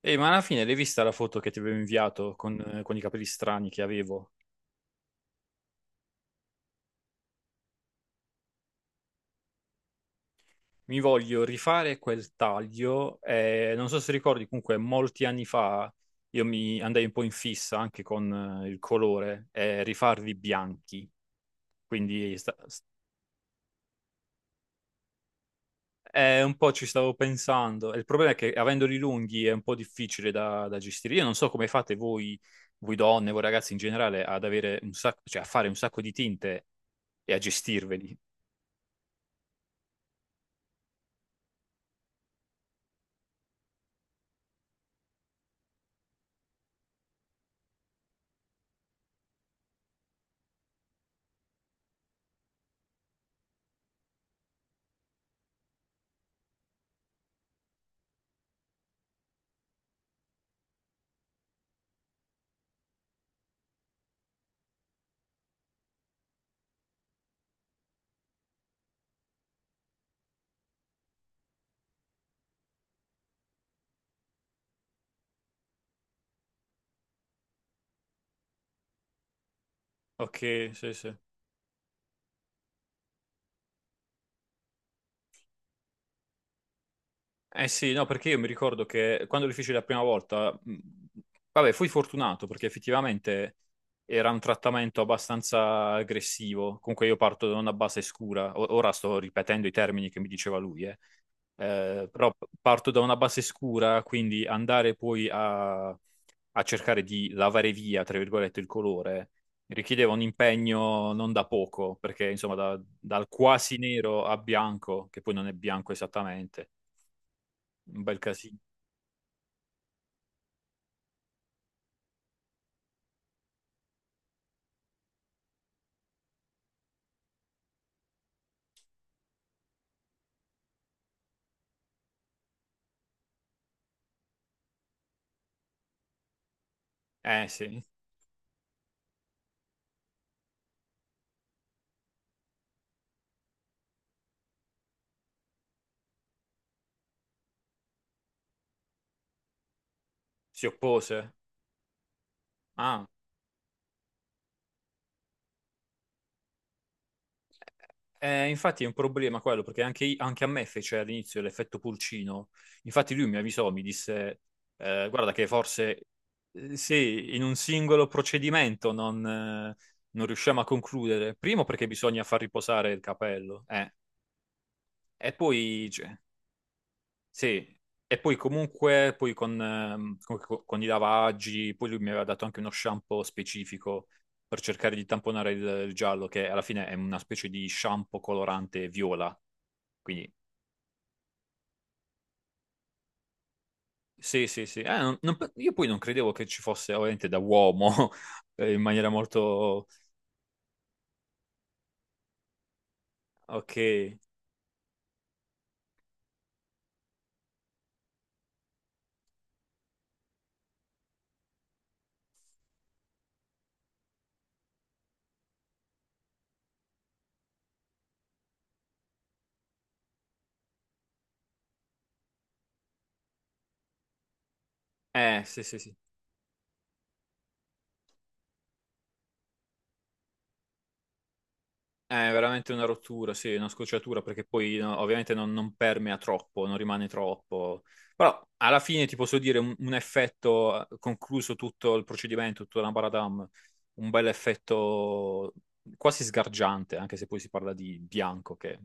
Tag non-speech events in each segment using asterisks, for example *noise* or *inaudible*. E ma alla fine l'hai vista la foto che ti avevo inviato con i capelli strani che avevo? Mi voglio rifare quel taglio. Non so se ricordi, comunque molti anni fa io mi andai un po' in fissa anche con il colore, e rifarli bianchi. Quindi sta- s- un po' ci stavo pensando. E il problema è che avendoli lunghi è un po' difficile da gestire. Io non so come fate voi, voi donne, voi ragazzi in generale, ad avere un sacco, cioè a fare un sacco di tinte e a gestirveli. Ok, sì, sì. Eh sì, no, perché io mi ricordo che quando lo feci la prima volta, vabbè, fui fortunato perché effettivamente era un trattamento abbastanza aggressivo. Comunque io parto da una base scura. Ora sto ripetendo i termini che mi diceva lui, eh. Però parto da una base scura, quindi andare poi a cercare di lavare via, tra virgolette, il colore richiedeva un impegno non da poco, perché insomma dal quasi nero a bianco, che poi non è bianco esattamente, un bel casino. Eh sì, si oppose. Ah, infatti è un problema quello, perché anche, anche a me fece all'inizio l'effetto pulcino. Infatti lui mi avvisò, mi disse, guarda che forse sì, in un singolo procedimento non riusciamo a concludere. Primo perché bisogna far riposare il capello, e poi cioè, sì, e poi comunque poi con i lavaggi, poi lui mi aveva dato anche uno shampoo specifico per cercare di tamponare il giallo, che alla fine è una specie di shampoo colorante viola. Quindi sì, sì, sì. Io poi non credevo che ci fosse ovviamente da uomo *laughs* in maniera molto... Ok. Sì, sì, sì. È veramente una rottura, sì, una scocciatura, perché poi no, ovviamente non, non permea troppo, non rimane troppo. Però alla fine ti posso dire un effetto, concluso tutto il procedimento, tutta la Baradam, un bel effetto quasi sgargiante, anche se poi si parla di bianco, che...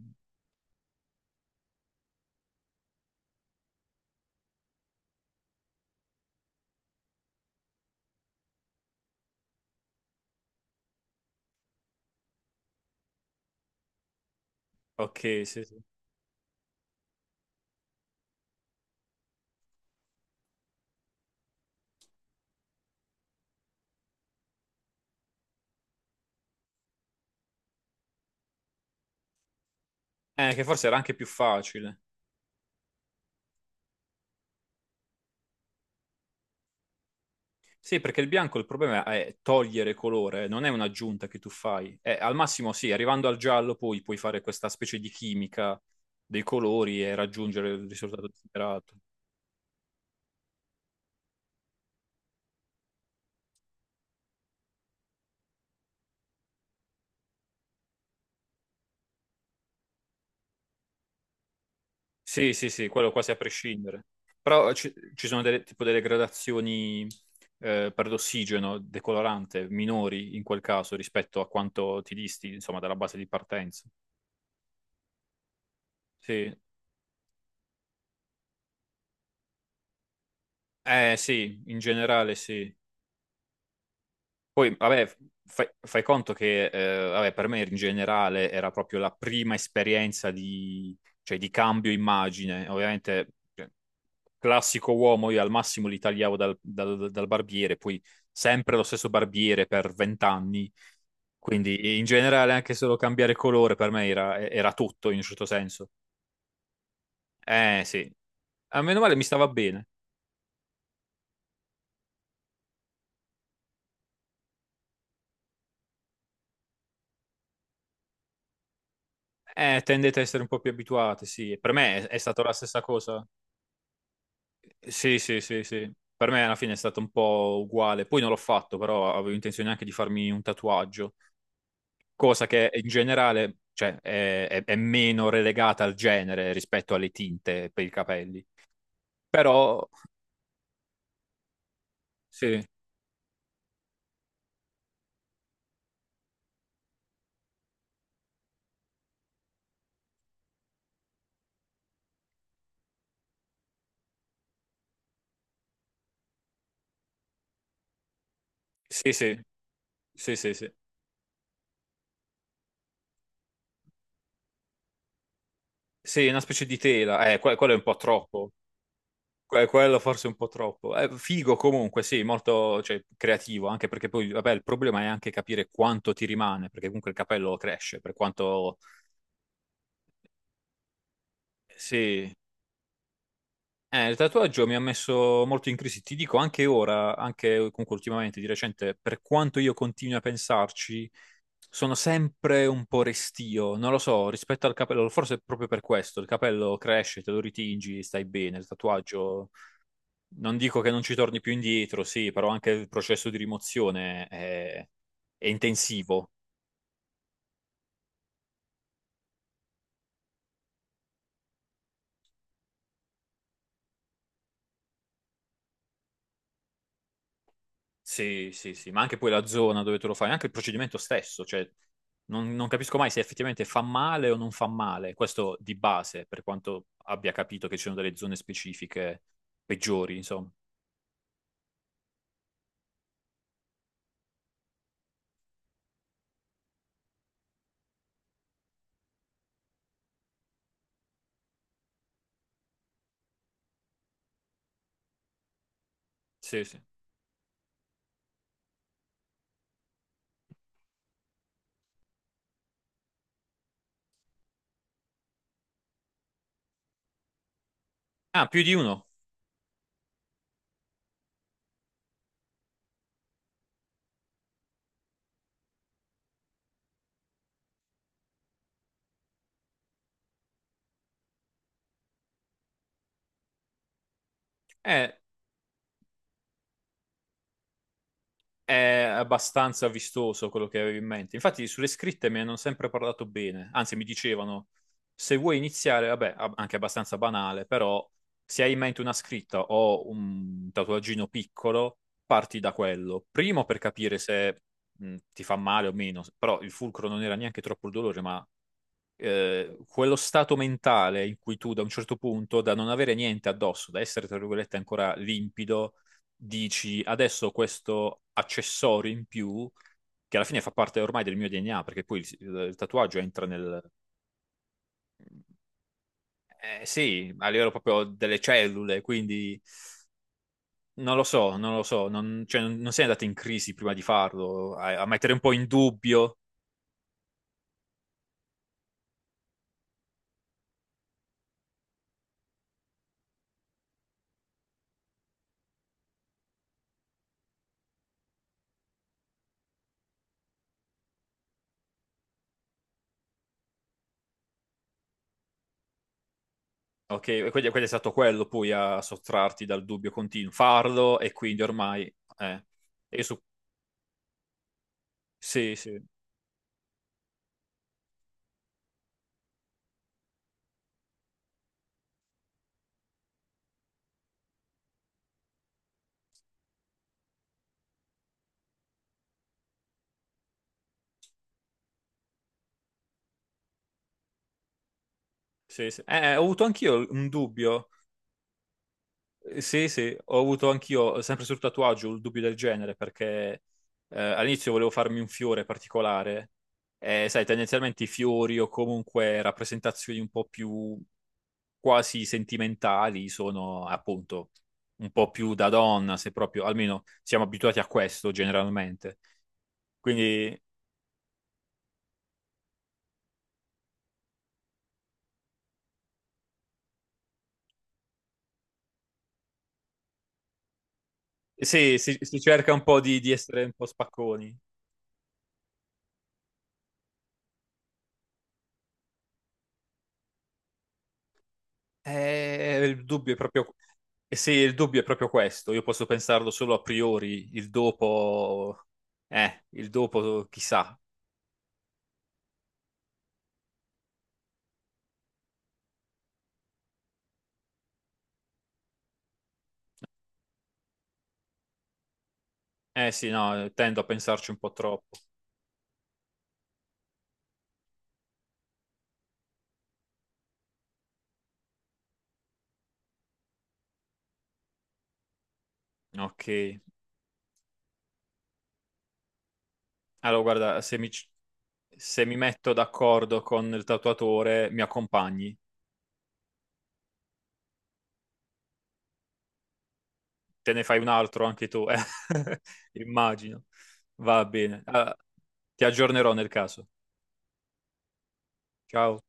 Ok, sì, sì. Che forse era anche più facile. Sì, perché il bianco il problema è togliere colore, non è un'aggiunta che tu fai. Al massimo sì, arrivando al giallo poi puoi fare questa specie di chimica dei colori e raggiungere il risultato desiderato. Sì, sì, sì, quello quasi a prescindere. Però ci sono delle, tipo delle gradazioni per l'ossigeno decolorante minori in quel caso rispetto a quanto ti disti, insomma, dalla base di partenza. Sì. Eh sì, in generale sì. Poi, vabbè, fai conto che, vabbè, per me in generale era proprio la prima esperienza di, cioè, di cambio immagine. Ovviamente, cioè, classico uomo, io al massimo li tagliavo dal barbiere, poi sempre lo stesso barbiere per vent'anni. Quindi, in generale, anche solo cambiare colore per me era, era tutto, in un certo senso. Sì. A meno male mi stava bene. Tendete a essere un po' più abituati, sì. Per me è stata la stessa cosa. Sì, sì, sì, sì. Per me alla fine è stato un po' uguale. Poi non l'ho fatto, però avevo intenzione anche di farmi un tatuaggio, cosa che in generale, cioè, è meno relegata al genere rispetto alle tinte per i capelli. Però, sì, sì, sì, sì, sì, sì. Sì, una specie di tela. Quello è un po' troppo. Quello forse è un po' troppo. Figo comunque, sì, molto, cioè, creativo, anche perché poi, vabbè, il problema è anche capire quanto ti rimane, perché comunque il capello cresce, per quanto... Sì, eh, il tatuaggio mi ha messo molto in crisi, ti dico anche ora, anche comunque ultimamente, di recente, per quanto io continui a pensarci, sono sempre un po' restio, non lo so, rispetto al capello, forse è proprio per questo, il capello cresce, te lo ritingi, stai bene, il tatuaggio, non dico che non ci torni più indietro, sì, però anche il processo di rimozione è intensivo. Sì, sì, sì, ma anche poi la zona dove te lo fai, anche il procedimento stesso, cioè non capisco mai se effettivamente fa male o non fa male, questo di base, per quanto abbia capito che ci sono delle zone specifiche peggiori, insomma. Sì, sì. Ah, più di uno. Eh, È abbastanza vistoso quello che avevo in mente. Infatti, sulle scritte mi hanno sempre parlato bene. Anzi, mi dicevano: se vuoi iniziare, vabbè, anche abbastanza banale, però, se hai in mente una scritta o un tatuaggino piccolo, parti da quello. Primo per capire se ti fa male o meno. Però il fulcro non era neanche troppo il dolore, ma quello stato mentale in cui tu da un certo punto, da non avere niente addosso, da essere tra virgolette ancora limpido, dici adesso questo accessorio in più, che alla fine fa parte ormai del mio DNA, perché poi il tatuaggio entra nel... Eh, sì, a livello proprio delle cellule, quindi... Non lo so, non lo so, non, cioè, non sei andato in crisi prima di farlo, a mettere un po' in dubbio. Ok, quindi è stato quello poi a sottrarti dal dubbio continuo, farlo e quindi ormai... Eh, io su... Sì, sì, sì, sì. Eh, ho avuto anch'io un dubbio. Sì, sì, ho avuto anch'io, sempre sul tatuaggio, un dubbio del genere, perché all'inizio volevo farmi un fiore particolare, e sai, tendenzialmente i fiori o comunque rappresentazioni un po' più quasi sentimentali sono appunto un po' più da donna, se proprio, almeno siamo abituati a questo generalmente. Quindi sì, si cerca un po' di essere un po' spacconi. Il dubbio è proprio... Eh sì, il dubbio è proprio questo. Io posso pensarlo solo a priori, il dopo chissà. Eh sì, no, tendo a pensarci un po' troppo. Ok. Allora, guarda, se mi metto d'accordo con il tatuatore, mi accompagni. Te ne fai un altro anche tu, eh? *laughs* Immagino. Va bene. Allora, ti aggiornerò nel caso. Ciao.